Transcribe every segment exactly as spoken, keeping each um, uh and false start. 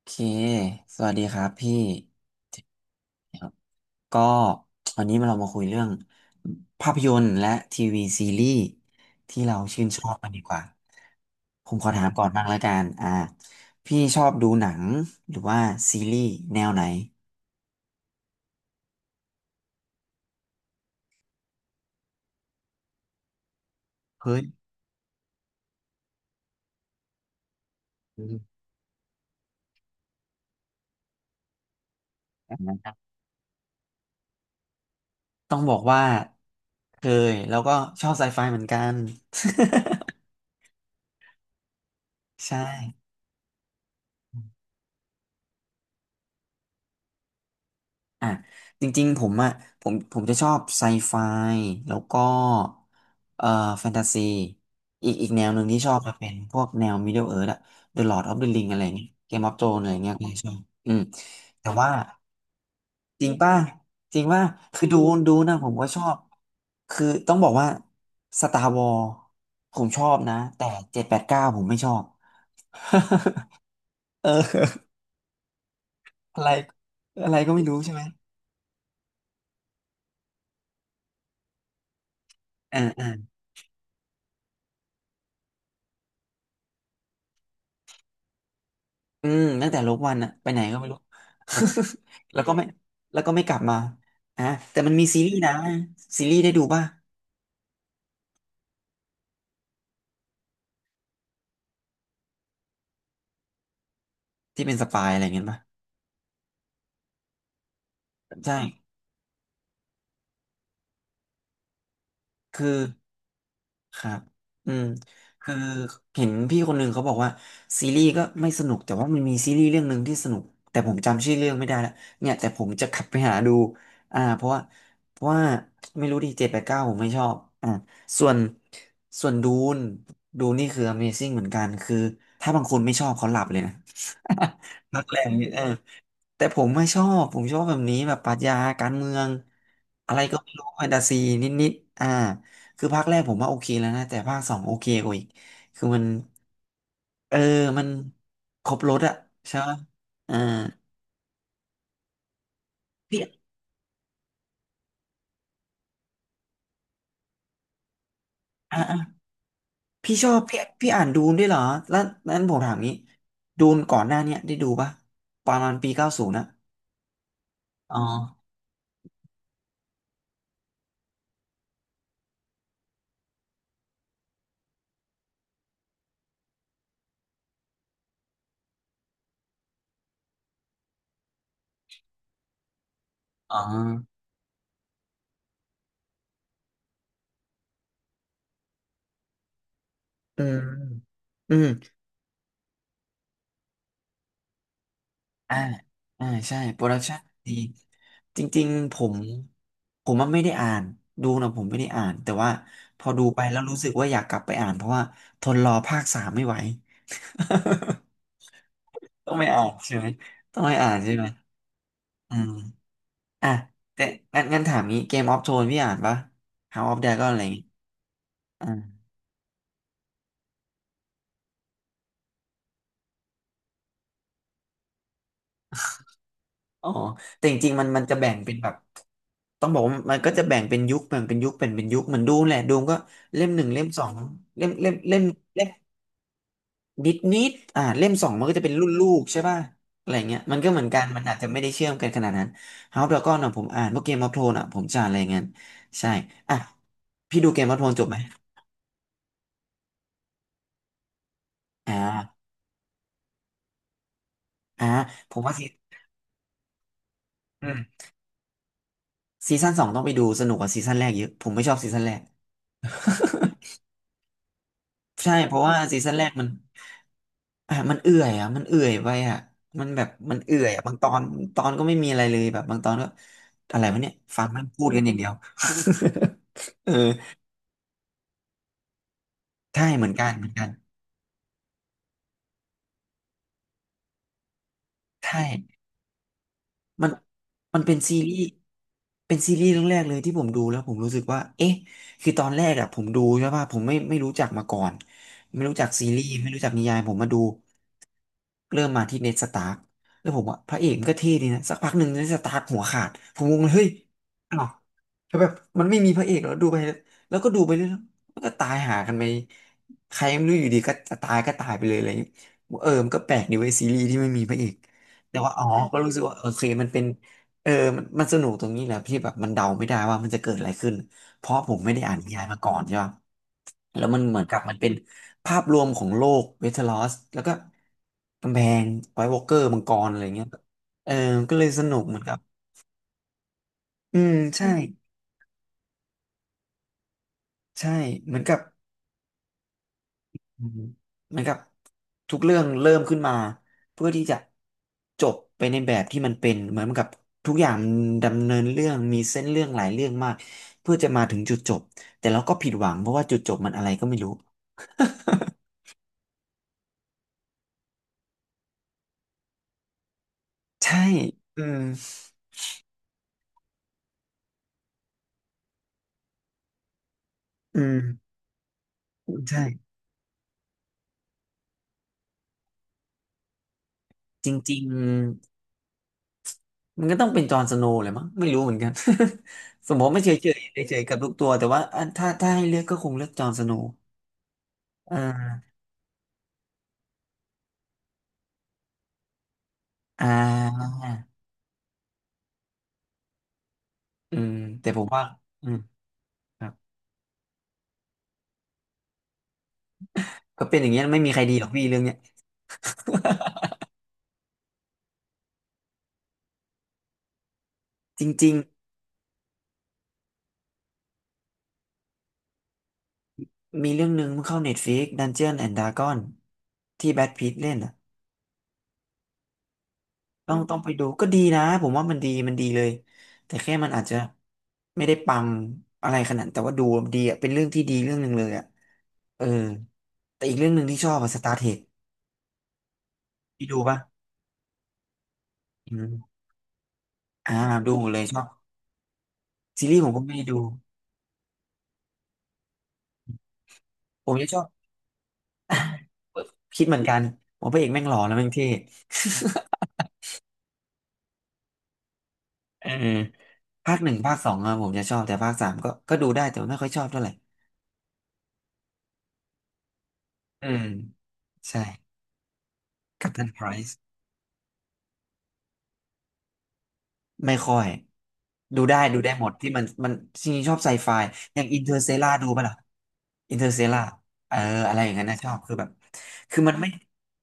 โอเคสวัสดีครับพี่ครับก็วันนี้เรามาคุยเรื่องภาพยนตร์และทีวีซีรีส์ที่เราชื่นชอบกันดีกว่า ผมขอถามก่อนบ้างแล้วกัน อ่าพี่ชอบดูหนังหรือว่าซีรีส์แนวไหนเฮ้ยอืมต้องบอกว่าเคยแล้วก็ชอบไซไฟเหมือนกัน ใช่ อ่ะจริงๆผมอ่ะผมผมจะชอบไซไฟแล้วก็เอ่อแฟนตาซีอีกอีกแนวหนึ่งที่ชอบจะเป็นพวกแนว Middle Earth อะ The Lord of the Ring อะไรเงี้ย Game of Thrones อะไรเงี้ยผมชอบอืมแต่ว่าจริงป่ะจริงป่ะคือดูดูนะผมก็ชอบคือต้องบอกว่า Star Wars ผมชอบนะแต่เจ็ดแปดเก้าผมไม่ชอบเออ อะไรอะไรก็ไม่รู้ใช่ไหมอ่า อืมตั้งแต่ลบวันอะไปไหนก็ไม่รู้ แล้วก็ไม่แล้วก็ไม่กลับมาอ่ะแต่มันมีซีรีส์นะซีรีส์ได้ดูป่ะที่เป็นสปายอะไรเงี้ยป่ะใช่คือ ครับอืมคือเห็นพี่คนหนึ่งเขาบอกว่าซีรีส์ก็ไม่สนุกแต่ว่ามันมีซีรีส์เรื่องหนึ่งที่สนุกแต่ผมจำชื่อเรื่องไม่ได้และเนี่ยแต่ผมจะขับไปหาดูอ่าเพราะว่าเพราะว่าไม่รู้ดิเจ็ดแปดเก้าผมไม่ชอบอ่าส่วนส่วนดูนดูนนี่คือ Amazing เหมือนกันคือถ้าบางคนไม่ชอบเขาหลับเลยนะ นักแรงนี่เออ แต่ผมไม่ชอบ ผมชอบแบบนี้แบบปรัชญาการเมืองอะไรก็ไม่รู้แฟนตาซีนิดๆอ่าคือภาคแรกผมว่าโอเคแล้วนะแต่ภาคสองโอเคกว่าอีก คือมันเออมันครบรสอะใช่ไหม อ่าพี่อ่าอ่าพี่ชอบพี่พี่อ่านดูนด้วยเหรอ แล้วนั้นผมถามงี้ดูนก่อนหน้าเนี้ยได้ดูปะประมาณปีเก้าศูนย์นะอ๋ออ๋ออืมอืม อ่าอ่าใช่โปรดักชั่นดีจริงๆผมผมว่าไม่ได้อ่านดูนะผมไม่ได้อ่านแต่ว่าพอดูไปแล้วรู้สึกว่าอยากกลับไปอ่านเพราะว่าทนรอภาคสามไม่ไหว ต้องไปอ่านใช่ไหมต้องไปอ่านใช่ไหมอืมอ่ะแต่งั้นงั้นถามงี้เกมออฟโทนพี่อ่านปะ House of Dragon อะไรอย่างงี้อ่าอ๋อแต่จริงๆมันมันจะแบ่งเป็นแบบต้องบอกว่ามันก็จะแบ่งเป็นยุคแบ่งเป็นยุคแบ่งเป็นยุคเหมือนดูมแหละดูมก็เล่มหนึ่งเล่มสองเล่มเล่มเล่มเล่ม ดิดนิดอ่าเล่มสองมันก็จะเป็นรุ่นลูกใช่ป่ะอะไรเงี้ยมันก็เหมือนกันมันอาจจะไม่ได้เชื่อมกันขนาดนั้น House of Dragon อ่ะผมอ่านพวกเกมออฟโทนอ่ะผมจะอ่านอะไรเงี้ยใช่อ่ะพี่ดูเกมออฟโทนจบไหมอ่าอ่าผมว่าซีอืมซีซั่นสองต้องไปดูสนุกกว่าซีซั่นแรกเยอะผมไม่ชอบซีซั่นแรกใช่เพราะว่าซีซั่นแรกมันอ่ะมันเอื่อยอ่ะมันเอื่อยไปอ่ะมันแบบมันเอื่อยอ่ะบางตอนตอนก็ไม่มีอะไรเลยแบบบางตอนก็อะไรวะเนี่ยฟังมันพูดกันอย่างเดียว เออ ใช่เหมือนกันเหมือนกันใช่มันมันเป็นซีรีส์เป็นซีรีส์เรื่องแรกเลยที่ผมดูแล้วผมรู้สึกว่าเอ๊ะคือตอนแรกอะผมดูใช่ป่ะผมไม่ไม่รู้จักมาก่อนไม่รู้จักซีรีส์ไม่รู้จักนิยายผมมาดู เริ่มมาที่เน d สตาร์กแล้วผมว่าพระเอกมันก็เท่ดีนะสักพักหนึ่งเน d สตาร์กหัวขาดผมงงเลยเฮ้ยอ้าวแล้วแบบมันไม่มีพระเอกแล้วดูไปแล้วก็ดูไปเรื่อยๆมันก็ตายหากันไปใครไม่รู้อยู่ดีก็จะตายก็ตายไปเลยอะไรอย่างเงี้ยเออมันก็แปลกดีเว้ยซีรีส์ที่ไม่มีพระเอกแต่ว่าอ๋อก็รู้สึกว่าโอเคมันเป็นเออมันมันสนุกตรงนี้แหละพี่แบบมันเดาไม่ได้ว่ามันจะเกิดอะไรขึ้นเพราะผมไม่ได้อ่านนิยายมาก่อนใช่ป่ะ แล้วมันเหมือนกับมันเป็นภาพรวมของโลกเวทลอรอสแล้วก็กำแพงไวท์วอล์กเกอร์มังกรอะไรเงี้ยเออก็เลยสนุกเหมือนกับอืมใช่ใช่เหมือนกับอืมเหมือนกับทุกเรื่องเริ่มขึ้นมาเพื่อที่จะจบไปในแบบที่มันเป็นเหมือนกับทุกอย่างดำเนินเรื่องมีเส้นเรื่องหลายเรื่องมากเพื่อจะมาถึงจุดจบแต่เราก็ผิดหวังเพราะว่าจุดจบมันอะไรก็ไม่รู้ ใช่อืมอืมใช่ จริงๆมันก็ต้องเป็นจอห์นสโนว์เลยมั้งไม่รู้เหมือนกัน สมมติไม่เฉยๆเฉยๆกับทุกตัวแต่ว่าอ่ะถ้าถ้าให้เลือกก็คงเลือกจอห์นสโนว์อ่าอ่าอืมแต่ผมว่าอืมครับก็เป็นอย่างเงี้ยไม่มีใครดีหรอกพี่เรื่องเนี้ยจริงๆมีเรื่องหนึ่งมันเข้า Netflix Dungeon and Dragon ที่แบทพีทเล่นอะ ต้องต้องไปดูก็ดีนะผมว่ามันดีมันดีเลยแต่แค่มันอาจจะไม่ได้ปังอะไรขนาดนั้นแต่ว่าดูดีอ่ะเป็นเรื่องที่ดีเรื่องหนึ่งเลยอ่ะเออแต่อีกเรื่องหนึ่งที่ชอบอะสตาร์เทคพี่ดูป่ะอืมอ่าดูหมดเลยชอบซีรีส์ผมก็ไม่ได้ดูผมจะชอบ คิดเหมือนกันผมพระเอกแม่งหล่อแล้วแม่งเท่ เออภาคหนึ่งภาคสองอะผมจะชอบแต่ภาคสามก็ก็ดูได้แต่ว่าไม่ค่อยชอบเท่าไหร่อืมใช่กัปตันไพร ไม่ค่อยดูได้ดูได้หมดที่มันมันจริงๆชอบไซไฟอย่างอินเ r อร์เซล่าดูป่ะล่ะอินเ r อร์เซล่าเอออะไรอย่างนั้นนะชอบคือแบบคือมันไม่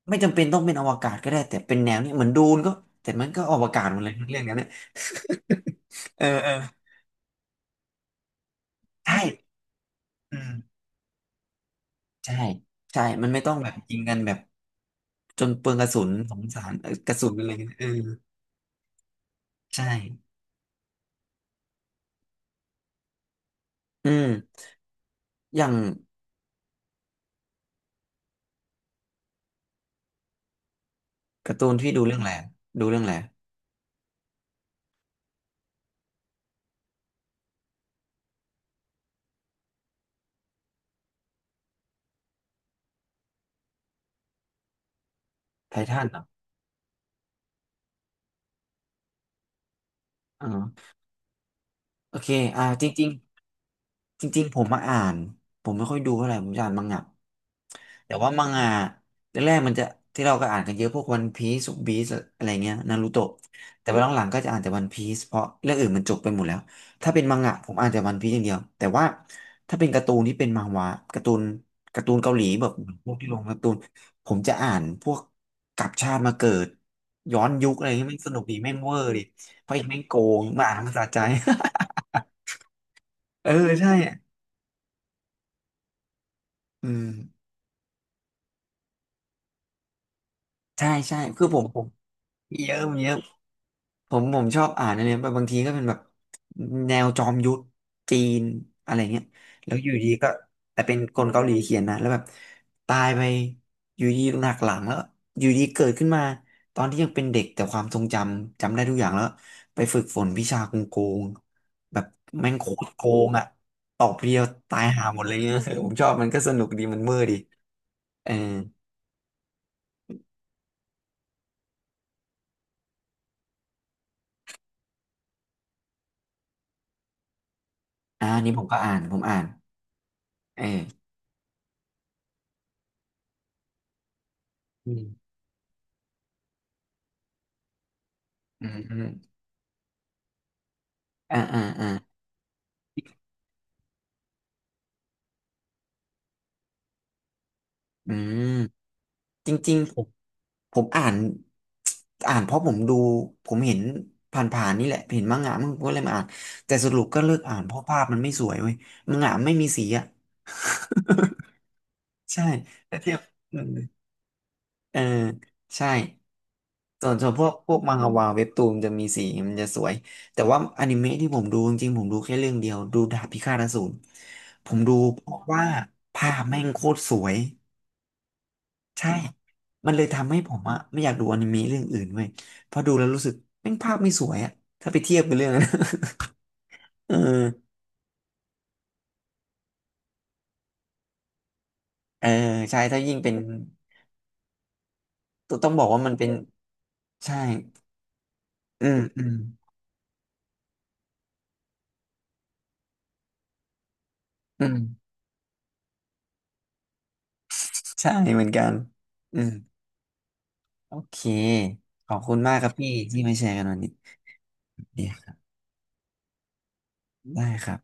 ไม่จำเป็นต้องเป็นอวกาศก็ได้แต่เป็นแนวนี้เหมือนดูนก็แต่มันก็อวกาศหมดเลยเรื่องเนี้ยเนี่ยเออเออใช่อืมใช่ใช่มันไม่ต้องแบบยิงกันแบบจนเปลืองกระสุนสงสารเออกระสุนอะไรเงี้ยเออใช่อืมอย่างการ์ตูนที่ดูเรื่องอะไรดูเรื่องอะไรไททันเหรอ โอเคอ่าจริงๆจริงๆผมมาอ่านผมไม่ค่อยดูเท่าไหร่ผมจะอ่านมังงะแต่ว่ามังงะแรกๆมันจะที่เราก็อ่านกันเยอะพวกวันพีซ u บีสอะไรเงี้ยนารูโตะแต่ว่าหลังๆก็จะอ่านแต่วันพีซเพราะเรื่องอื่นมันจบไปหมดแล้วถ้าเป็นมังงะผมอ่านแต่วันพีซอย่างเดียวแต่ว่าถ้าเป็นการ์ตูนที่เป็นมังหวะการ์ตูนการ์ตูนเกาหลีแบบพวกที่ลงการ์ตูนผมจะอ่านพวกกลับชาติมาเกิดย้อนยุคอะไรเงี้ยแม่งสนุกดีแม่งเวอร์ดิเพราะอีกแม่งโกงมาอ่านแล้วมันสะใจ เออใช่อะอืมใช่ใช่คือผมผมมีเยอะมีเยอะผมผมชอบอ่านอะไรแบบบางทีก็เป็นแบบแนวจอมยุทธจีนอะไรเงี้ยแล้วอยู่ดีก็แต่เป็นคนเกาหลีเขียนนะแล้วแบบตายไปอยู่ดีหนักหลังแล้วอยู่ดีเกิดขึ้นมาตอนที่ยังเป็นเด็กแต่ความทรงจำจำได้ทุกอย่างแล้วไปฝึกฝนวิชาโกงโกงแบบแม่งโคตรโกงอ่ะตอบเดียวตายหาหมดเลยเนี่ย ผมชอบมันก็สนุกดีมันเมื่อดีเอออ่าอันนี้ผมก็อ่านผมอ่าน เอออืมอืมอืมอ่าอ่าอ่าอืมจริงๆผมๆผมอ่าน อ่านเพราะผมดู ผมเห็นผ่านๆนี่แหละ เห็นมังงะมั่งผมก็เลยมาอ่านแต่สรุปก็เลิกอ่านเพราะภาพมันไม่สวยเว้ยมังงะไม่มีสีอ่ะ ใช่แต่เทียบ เออใช่ส่วนส่วนพวกพวกมังฮวาเว็บตูนจะมีสีมันจะสวยแต่ว่าอนิเมะที่ผมดูจริงๆผมดูแค่เรื่องเดียวดูดาบพิฆาตอสูรผมดูเพราะว่าภาพแม่งโคตรสวยใช่มันเลยทำให้ผมอะไม่อยากดูอนิเมะเรื่องอื่นเว้ยเพราะดูแล้วรู้สึกแม่งภาพไม่สวยอะถ้าไปเทียบกับเรื่องนั้น เออเออใช่ถ้ายิ่งเป็นต้องต้องบอกว่ามันเป็นใช่อืมอืมอืมใช่เหมือนกันอืม โอเค ขอบคุณมากครับพี่ที่มาแชร์กันวันนี้ดีครับได้ครับ